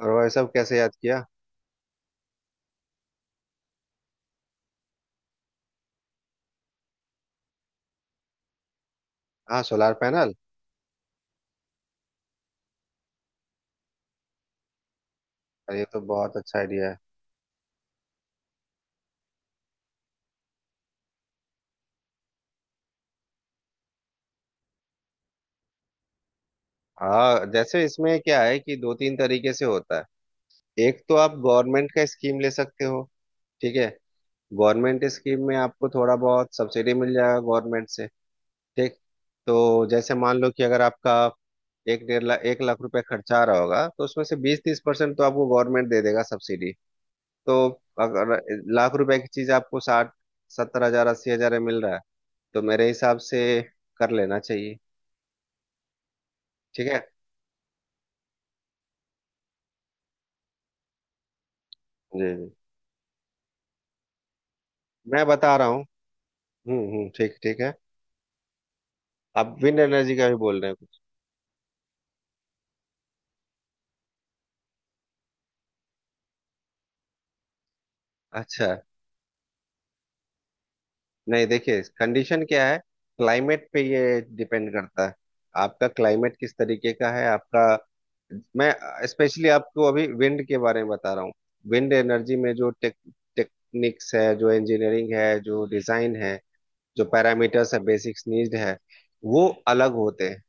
और भाई साहब कैसे याद किया। हाँ, सोलार पैनल। अरे, ये तो बहुत अच्छा आइडिया है। हाँ, जैसे इसमें क्या है कि दो तीन तरीके से होता है। एक तो आप गवर्नमेंट का स्कीम ले सकते हो। ठीक है। गवर्नमेंट स्कीम में आपको थोड़ा बहुत सब्सिडी मिल जाएगा गवर्नमेंट से। ठीक। तो जैसे मान लो कि अगर आपका एक डेढ़ लाख एक लाख रुपए खर्चा आ रहा होगा, तो उसमें से 20-30% तो आपको गवर्नमेंट दे देगा सब्सिडी। तो अगर लाख रुपए की चीज आपको 60-70 हज़ार 80 हज़ार में मिल रहा है, तो मेरे हिसाब से कर लेना चाहिए। ठीक है। जी जी, मैं बता रहा हूँ। हम्म, ठीक ठीक है। अब विंड एनर्जी का भी बोल रहे हैं कुछ। अच्छा। नहीं, देखिए कंडीशन क्या है, क्लाइमेट पे ये डिपेंड करता है। आपका क्लाइमेट किस तरीके का है आपका। मैं स्पेशली आपको अभी विंड के बारे में बता रहा हूँ। विंड एनर्जी में जो टेक्निक्स है, जो इंजीनियरिंग है, जो डिजाइन है, जो पैरामीटर्स है, बेसिक्स नीड है, वो अलग होते हैं।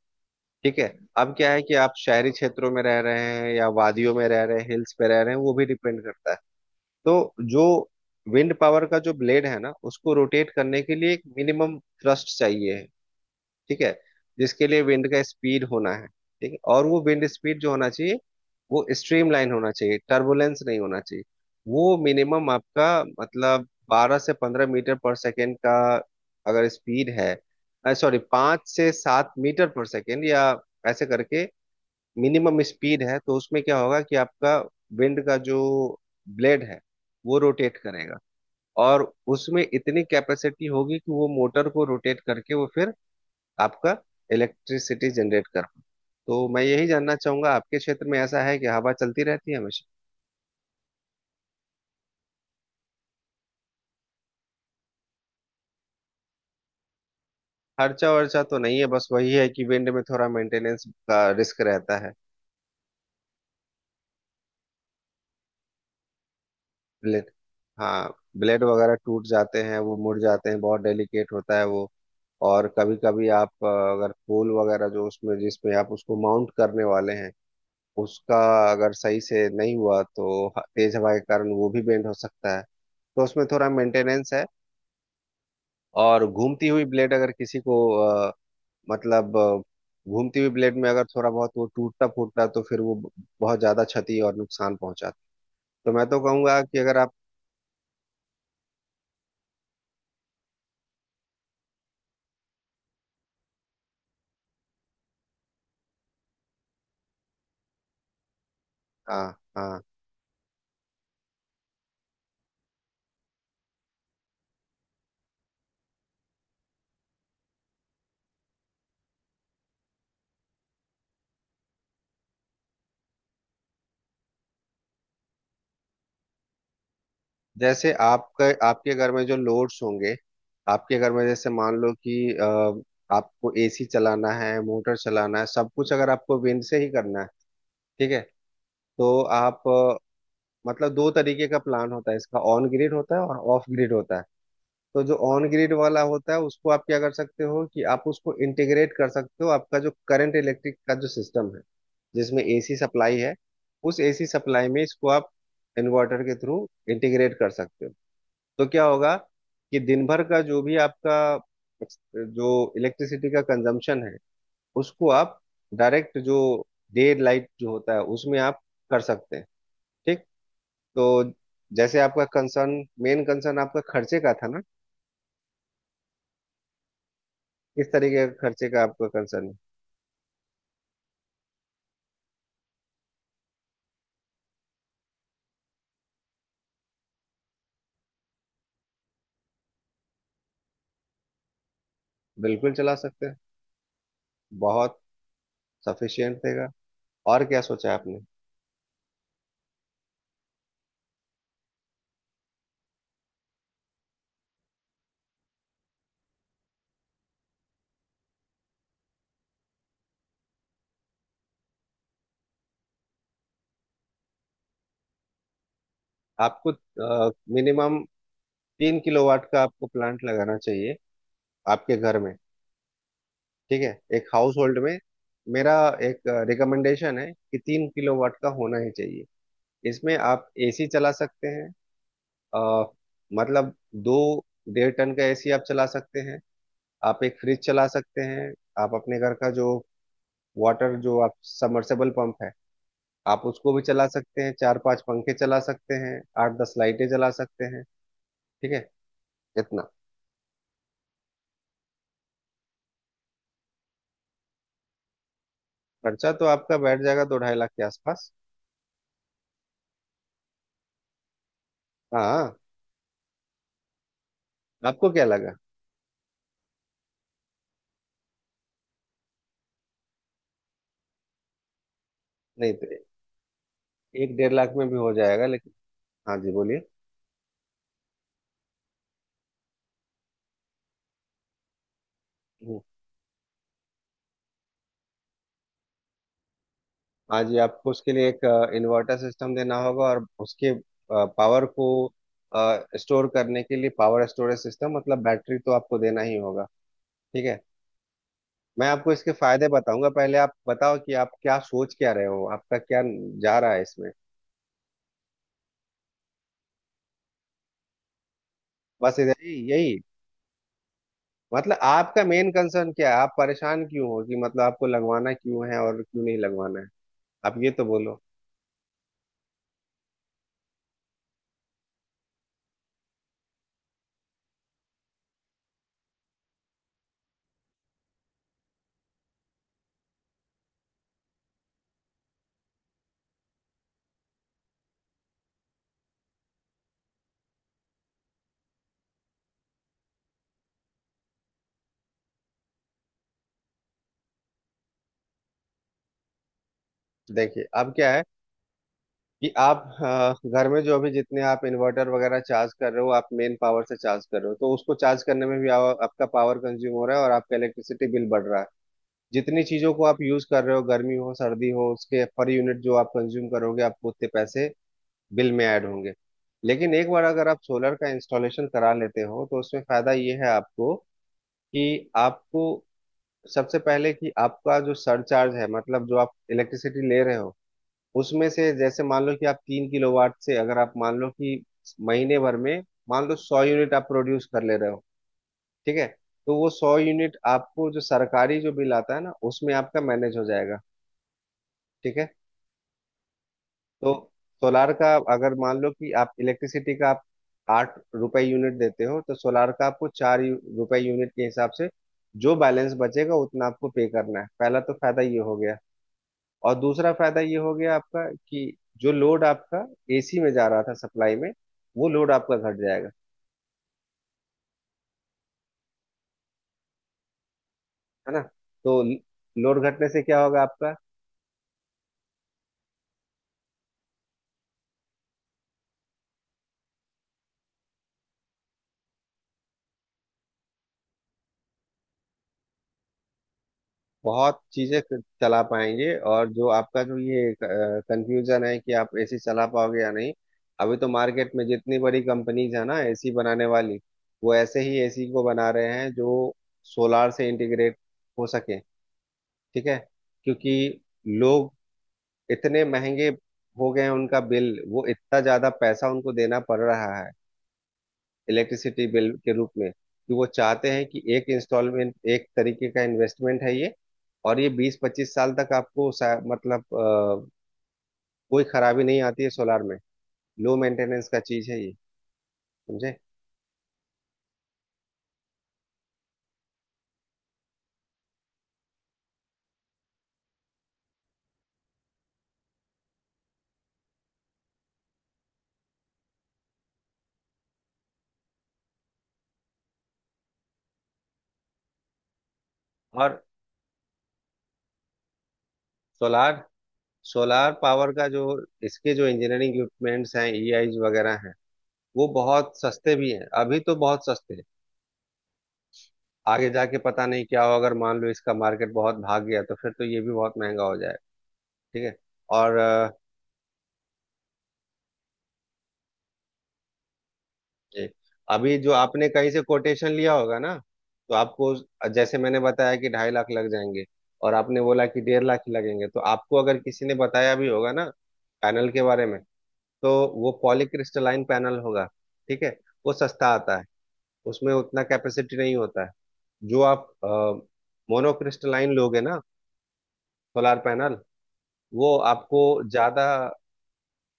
ठीक है। अब क्या है कि आप शहरी क्षेत्रों में रह रहे हैं या वादियों में रह रहे हैं, हिल्स पे रह रहे हैं, वो भी डिपेंड करता है। तो जो विंड पावर का जो ब्लेड है ना, उसको रोटेट करने के लिए एक मिनिमम थ्रस्ट चाहिए है। ठीक है। जिसके लिए विंड का स्पीड होना है। ठीक है। और वो विंड स्पीड जो होना चाहिए, वो स्ट्रीम लाइन होना चाहिए, टर्बुलेंस नहीं होना चाहिए। वो मिनिमम आपका मतलब 12 से 15 मीटर पर सेकेंड का अगर स्पीड है, सॉरी 5 से 7 मीटर पर सेकेंड या ऐसे करके मिनिमम स्पीड है, तो उसमें क्या होगा कि आपका विंड का जो ब्लेड है, वो रोटेट करेगा। और उसमें इतनी कैपेसिटी होगी कि वो मोटर को रोटेट करके वो फिर आपका इलेक्ट्रिसिटी जनरेट कर पाए। तो मैं यही जानना चाहूंगा, आपके क्षेत्र में ऐसा है कि हवा चलती रहती है हमेशा। खर्चा वर्चा तो नहीं है, बस वही है कि विंड में थोड़ा मेंटेनेंस का रिस्क रहता है। ब्लेड, हाँ, ब्लेड वगैरह टूट जाते हैं, वो मुड़ जाते हैं, बहुत डेलिकेट होता है वो। और कभी कभी आप अगर पोल वगैरह जो उसमें जिसमें आप उसको माउंट करने वाले हैं, उसका अगर सही से नहीं हुआ तो तेज हवा के कारण वो भी बेंड हो सकता है। तो उसमें थोड़ा मेंटेनेंस है। और घूमती हुई ब्लेड अगर किसी को मतलब अ, घूमती हुई ब्लेड में अगर थोड़ा बहुत वो टूटता फूटता तो फिर वो बहुत ज्यादा क्षति और नुकसान पहुंचाता। तो मैं तो कहूंगा कि अगर आप। हाँ। हाँ, जैसे आपका आपके घर में जो लोड्स होंगे, आपके घर में जैसे मान लो कि आपको एसी चलाना है, मोटर चलाना है, सब कुछ अगर आपको विंड से ही करना है। ठीक है। तो आप मतलब दो तरीके का प्लान होता है इसका, ऑन ग्रिड होता है और ऑफ ग्रिड होता है। तो जो ऑन ग्रिड वाला होता है उसको आप क्या कर सकते हो कि आप उसको इंटीग्रेट कर सकते हो आपका जो करंट इलेक्ट्रिक का जो सिस्टम है, जिसमें एसी सप्लाई है, उस एसी सप्लाई में इसको आप इन्वर्टर के थ्रू इंटीग्रेट कर सकते हो। तो क्या होगा कि दिन भर का जो भी आपका जो इलेक्ट्रिसिटी का कंजम्पशन है, उसको आप डायरेक्ट जो डे लाइट जो होता है उसमें आप कर सकते हैं। ठीक। तो जैसे आपका कंसर्न, मेन कंसर्न आपका खर्चे का था ना। किस तरीके का खर्चे का आपका कंसर्न है। बिल्कुल चला सकते हैं। बहुत सफिशियंट रहेगा। और क्या सोचा है आपने। आपको मिनिमम 3 किलोवाट का आपको प्लांट लगाना चाहिए आपके घर में। ठीक है। एक हाउस होल्ड में मेरा एक रिकमेंडेशन है कि 3 किलोवाट का होना ही चाहिए। इसमें आप एसी चला सकते हैं। अ, मतलब दो डेढ़ टन का एसी आप चला सकते हैं, आप एक फ्रिज चला सकते हैं, आप अपने घर का जो वाटर जो आप सबमर्सिबल पंप है, आप उसको भी चला सकते हैं, चार पांच पंखे चला सकते हैं, 8-10 लाइटें जला सकते हैं। ठीक है। इतना खर्चा तो आपका बैठ जाएगा दो ढाई लाख के आसपास। हाँ। आपको क्या लगा। नहीं तो एक डेढ़ लाख में भी हो जाएगा, लेकिन हाँ जी, बोलिए। हम्म। हाँ जी, आपको उसके लिए एक इन्वर्टर सिस्टम देना होगा और उसके पावर को स्टोर करने के लिए पावर स्टोरेज सिस्टम मतलब बैटरी तो आपको देना ही होगा। ठीक है। मैं आपको इसके फायदे बताऊंगा, पहले आप बताओ कि आप क्या सोच क्या रहे हो, आपका क्या जा रहा है इसमें। बस इधर ही, यही। मतलब आपका मेन कंसर्न क्या है, आप परेशान क्यों हो, कि मतलब आपको लगवाना क्यों है और क्यों नहीं लगवाना है, आप ये तो बोलो। देखिए अब क्या है कि आप घर में जो अभी जितने आप इन्वर्टर वगैरह चार्ज कर रहे हो, आप मेन पावर से चार्ज कर रहे हो, तो उसको चार्ज करने में भी आपका पावर कंज्यूम हो रहा है और आपका इलेक्ट्रिसिटी बिल बढ़ रहा है। जितनी चीजों को आप यूज कर रहे हो, गर्मी हो सर्दी हो, उसके पर यूनिट जो आप कंज्यूम करोगे, आपको उतने पैसे बिल में ऐड होंगे। लेकिन एक बार अगर आप सोलर का इंस्टॉलेशन करा लेते हो, तो उसमें फायदा ये है आपको कि आपको सबसे पहले कि आपका जो सरचार्ज है, मतलब जो आप इलेक्ट्रिसिटी ले रहे हो, उसमें से जैसे मान लो कि आप 3 किलोवाट से अगर आप मान लो कि महीने भर में मान लो 100 यूनिट आप प्रोड्यूस कर ले रहे हो। ठीक है। तो वो 100 यूनिट आपको जो सरकारी जो बिल आता है ना, उसमें आपका मैनेज हो जाएगा। ठीक है। तो सोलार का अगर मान लो कि आप इलेक्ट्रिसिटी का आप 8 रुपए यूनिट देते हो, तो सोलार का आपको चार रुपए यूनिट के हिसाब से जो बैलेंस बचेगा उतना आपको पे करना है। पहला तो फायदा ये हो गया। और दूसरा फायदा ये हो गया आपका कि जो लोड आपका एसी में जा रहा था सप्लाई में, वो लोड आपका घट जाएगा। है ना। तो लोड घटने से क्या होगा आपका। बहुत चीजें चला पाएंगे। और जो आपका जो ये कंफ्यूजन है कि आप एसी चला पाओगे या नहीं, अभी तो मार्केट में जितनी बड़ी कंपनीज है ना एसी बनाने वाली, वो ऐसे ही एसी को बना रहे हैं जो सोलार से इंटीग्रेट हो सके। ठीक है। क्योंकि लोग इतने महंगे हो गए हैं, उनका बिल वो इतना ज्यादा पैसा उनको देना पड़ रहा है इलेक्ट्रिसिटी बिल के रूप में, कि वो चाहते हैं कि एक इंस्टॉलमेंट एक तरीके का इन्वेस्टमेंट है ये। और ये 20-25 साल तक आपको कोई खराबी नहीं आती है सोलार में। लो मेंटेनेंस का चीज है ये, समझे। और सोलार सोलार पावर का जो इसके जो इंजीनियरिंग इक्विपमेंट्स हैं, ईआईज वगैरह हैं, वो बहुत सस्ते भी हैं, अभी तो बहुत सस्ते हैं। आगे जाके पता नहीं क्या हो, अगर मान लो इसका मार्केट बहुत भाग गया तो फिर तो ये भी बहुत महंगा हो जाएगा। ठीक है। और ये, अभी जो आपने कहीं से कोटेशन लिया होगा ना, तो आपको जैसे मैंने बताया कि 2.5 लाख लग जाएंगे, और आपने बोला कि 1.5 लाख ही लगेंगे, तो आपको अगर किसी ने बताया भी होगा ना पैनल के बारे में, तो वो पॉलीक्रिस्टलाइन पैनल होगा। ठीक है। वो सस्ता आता है, उसमें उतना कैपेसिटी नहीं होता है। जो आप मोनोक्रिस्टलाइन लोगे ना सोलार पैनल, वो आपको ज्यादा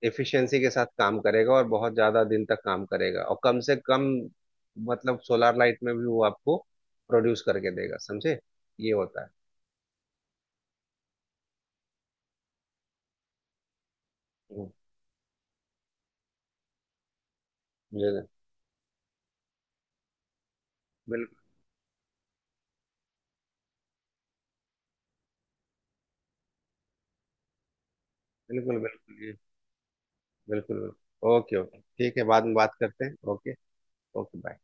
एफिशिएंसी के साथ काम करेगा और बहुत ज्यादा दिन तक काम करेगा, और कम से कम मतलब सोलर लाइट में भी वो आपको प्रोड्यूस करके देगा। समझे, ये होता है। हम्म, ये बिल्कुल बिल्कुल। बिल्कुल ये बिल्कुल बिल्कुल, ओके ओके, ठीक है, बाद में बात करते हैं, ओके। Okay bye.